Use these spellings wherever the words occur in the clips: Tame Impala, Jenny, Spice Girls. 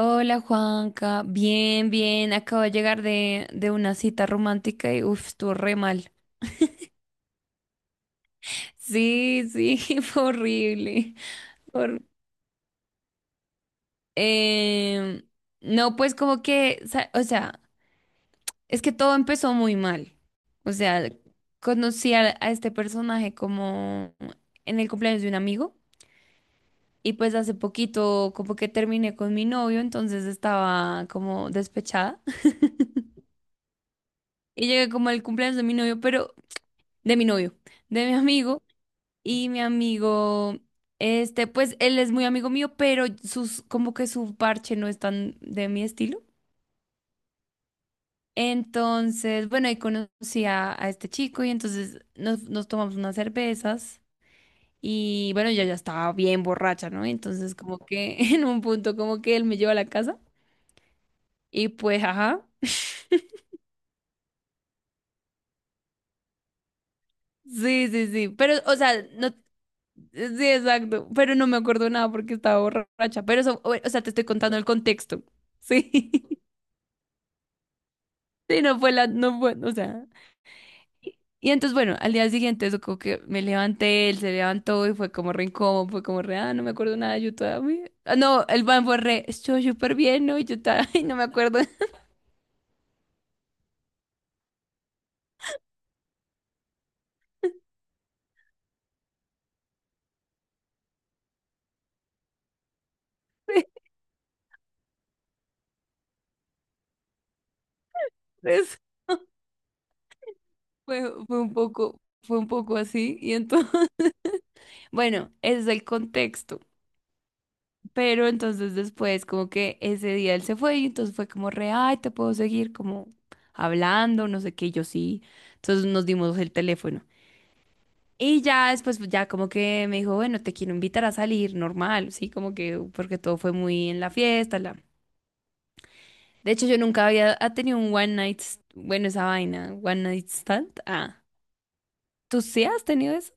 Hola Juanca, bien, bien, acabo de llegar de una cita romántica y uff, estuvo re mal. Sí, sí, fue horrible. Hor- Em, no, pues como que, o sea, es que todo empezó muy mal. O sea, conocí a este personaje como en el cumpleaños de un amigo y pues hace poquito como que terminé con mi novio, entonces estaba como despechada. Y llegué como al cumpleaños de mi novio, pero de mi novio, de mi amigo. Y mi amigo, pues él es muy amigo mío, pero como que su parche no es tan de mi estilo. Entonces, bueno, ahí conocí a este chico y entonces nos tomamos unas cervezas y bueno, yo ya estaba bien borracha, ¿no? Entonces como que en un punto como que él me lleva a la casa y pues, ajá. Sí, sí, sí, pero o sea, no, sí, exacto, pero no me acuerdo nada porque estaba borracha, pero eso, o sea, te estoy contando el contexto, sí. Sí, no fue la, no fue, o sea. Y entonces, bueno, al día siguiente, eso como que me levanté, él se levantó y fue como re incómodo, fue como re, ah, no me acuerdo nada, yo todavía. Ah, no, el man fue re, estoy súper bien, ¿no? Y yo estaba, ay, no me acuerdo de eso. Fue, fue un poco así. Y entonces, bueno, ese es el contexto. Pero entonces después, como que ese día él se fue y entonces fue como re, ay, te puedo seguir como hablando, no sé qué, y yo sí. Entonces nos dimos el teléfono. Y ya después, pues, ya como que me dijo, bueno, te quiero invitar a salir, normal, sí, como que, porque todo fue muy en la fiesta, la... De hecho, yo nunca había ha tenido un one night, bueno, esa vaina, one night stand. Ah, ¿tú sí has tenido eso?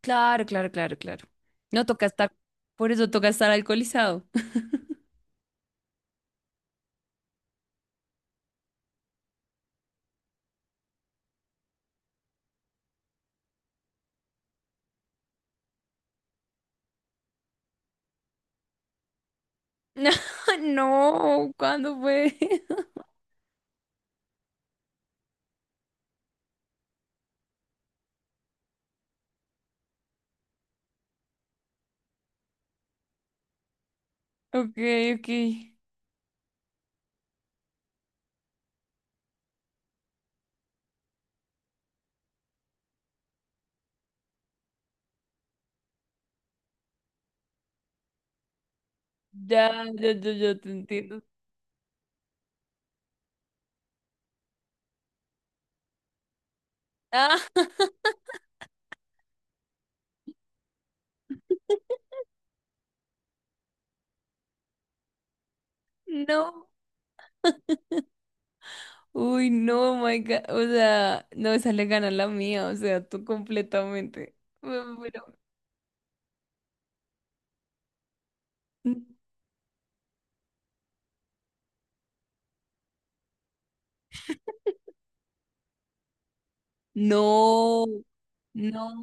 Claro, claro, claro, claro. No toca estar, por eso toca estar alcoholizado. No, no, ¿cuándo fue? Ok, ok. Ya, ya, ya, ya te entiendo. Ah, no. Uy, no, my God. O sea, no, esa le gana la mía. O sea, tú completamente. Me muero. No, no.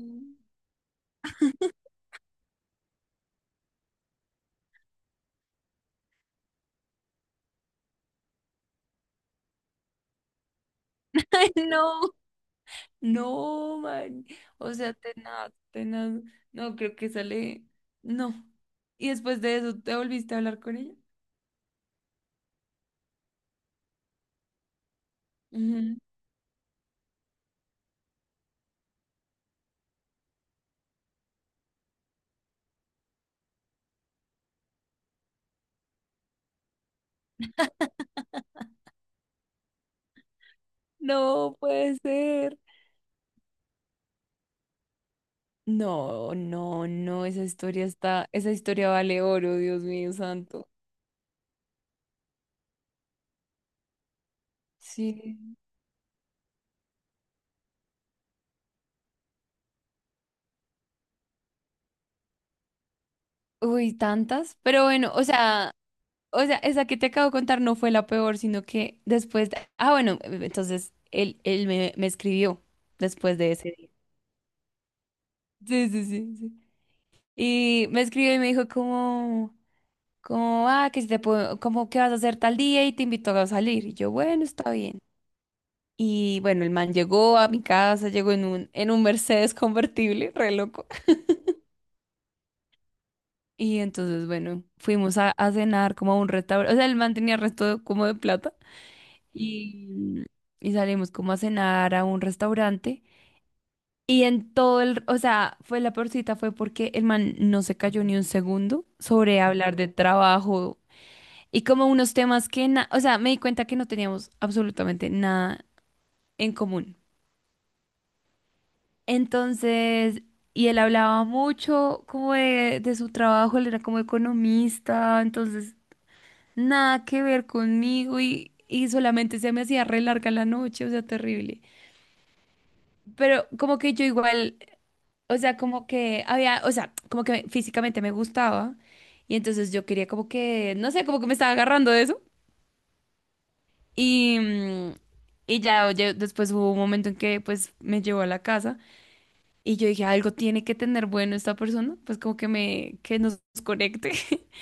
Ay, no, no, man. O sea, tenaz, tenaz. No, creo que sale. No. Y después de eso, ¿te volviste a hablar con ella? Ujú. No puede ser. No, no, no. Esa historia está. Esa historia vale oro, Dios mío santo. Sí. Uy, tantas. Pero bueno, o sea. O sea, esa que te acabo de contar no fue la peor, sino que después de- Ah, bueno, entonces él, me escribió después de ese día. Sí, sí, sí, sí. Y me escribió y me dijo como, como, ah, que si te puedo, como que vas a hacer tal día y te invito a salir. Y yo, bueno, está bien. Y bueno, el man llegó a mi casa, llegó en un Mercedes convertible, re loco. Y entonces, bueno, fuimos a cenar como a un restaurante. O sea, el man tenía resto como de plata. Y, y salimos como a cenar a un restaurante. Y en todo el, o sea, fue la peor cita, fue porque el man no se cayó ni un segundo sobre hablar de trabajo y como unos temas que, o sea, me di cuenta que no teníamos absolutamente nada en común. Entonces, y él hablaba mucho como de su trabajo, él era como economista, entonces nada que ver conmigo y solamente se me hacía re larga la noche, o sea, terrible. Pero como que yo igual, o sea, como que había, o sea, como que físicamente me gustaba. Y entonces yo quería como que, no sé, como que me estaba agarrando de eso. Y, mm, y ya, oye, después hubo un momento en que pues me llevó a la casa y yo dije, algo tiene que tener bueno esta persona, pues como que me, que nos conecte.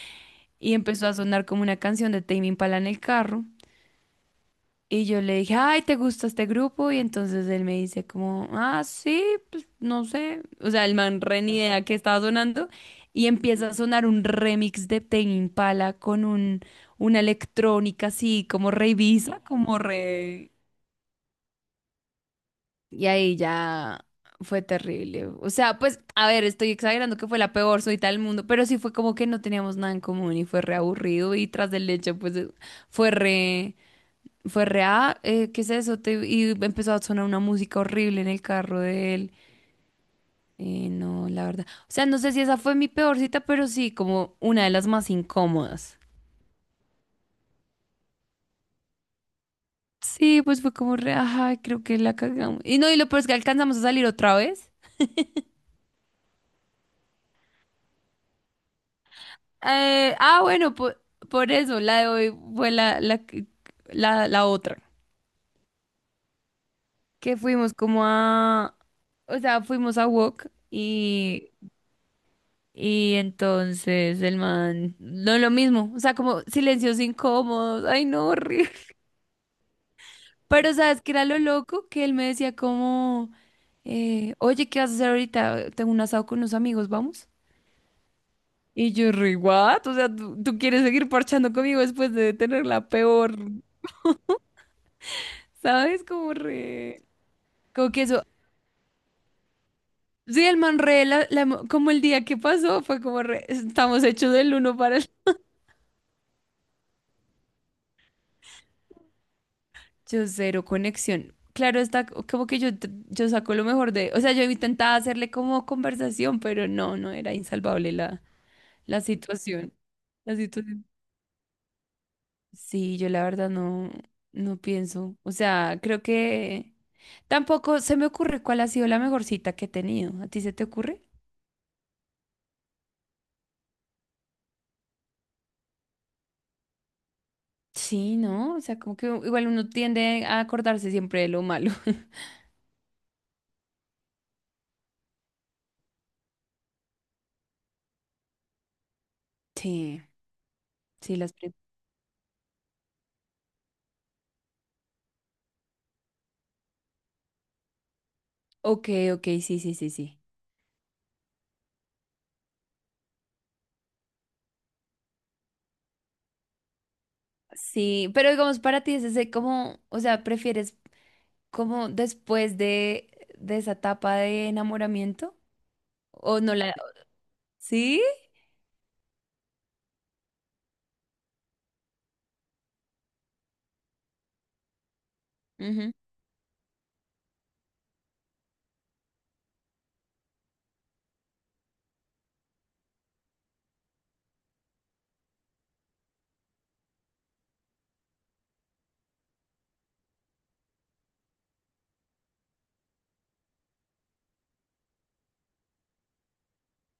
Y empezó a sonar como una canción de Tame Impala en el carro. Y yo le dije, ay, ¿te gusta este grupo? Y entonces él me dice como, ah, sí, pues no sé. O sea, el man re ni idea que estaba sonando. Y empieza a sonar un remix de Tame Impala con un, una electrónica así, como re Ibiza, como re... Y ahí ya fue terrible. O sea, pues, a ver, estoy exagerando que fue la peor soy del mundo, pero sí fue como que no teníamos nada en común y fue re aburrido y tras del hecho, pues, fue re... Fue rea, ¿qué es eso? Y empezó a sonar una música horrible en el carro de él. No, la verdad. O sea, no sé si esa fue mi peor cita, pero sí, como una de las más incómodas. Sí, pues fue como re, ajá, creo que la cagamos. Y no, y lo peor es que alcanzamos a salir otra vez. Ah, bueno, por, eso, la de hoy fue la, la, la, la otra. Que fuimos como a, o sea, fuimos a Wok. Y entonces el man, no lo mismo, o sea, como silencios incómodos, ay no, horrible. Pero sabes que era lo loco que él me decía como, oye, ¿qué vas a hacer ahorita? Tengo un asado con unos amigos, vamos. Y yo, re, what? O sea, ¿tú quieres seguir parchando conmigo después de tener la peor, ¿sabes? Como re, como que eso. Sí, el man re, como el día que pasó, fue como re, estamos hechos del uno para el. Yo cero conexión. Claro, está como que yo, yo saco lo mejor de, o sea, yo intentaba hacerle como conversación, pero no, no era insalvable la, la situación. La situación. Sí, yo la verdad no, no pienso. O sea, creo que tampoco se me ocurre cuál ha sido la mejor cita que he tenido. ¿A ti se te ocurre? Sí, ¿no? O sea, como que igual uno tiende a acordarse siempre de lo malo. Sí, sí, las... Ok, ok, sí, sí, sí, sí. Sí, pero digamos para ti es ese como, o sea, ¿prefieres como después de esa etapa de enamoramiento? ¿O no la... ¿Sí? Ujú.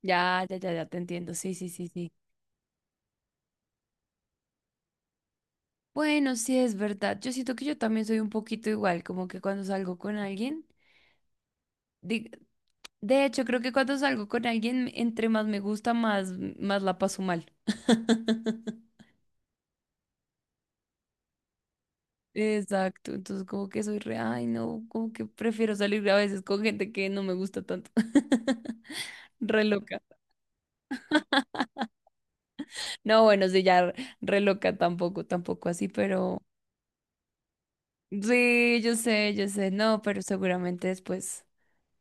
Ya, ya, ya, ya te entiendo. Sí, sí, sí, sí. Bueno, sí es verdad. Yo siento que yo también soy un poquito igual, como que cuando salgo con alguien, di- de hecho creo que cuando salgo con alguien, entre más me gusta, más, más la paso mal. Exacto, entonces como que soy re, ay no, como que prefiero salir a veces con gente que no me gusta tanto. Re loca. No, bueno, sí, ya re re loca tampoco, tampoco así, pero sí, yo sé, no, pero seguramente después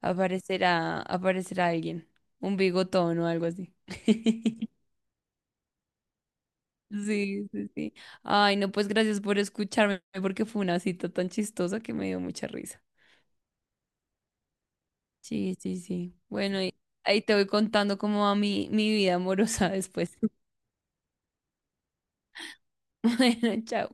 aparecerá, aparecerá alguien, un bigotón o algo así. Sí, sí, sí. Ay, no, pues gracias por escucharme, porque fue una cita tan chistosa que me dio mucha risa. Sí, sí, sí. Bueno, y ahí te voy contando cómo va mi, mi vida amorosa después. Bueno, chao.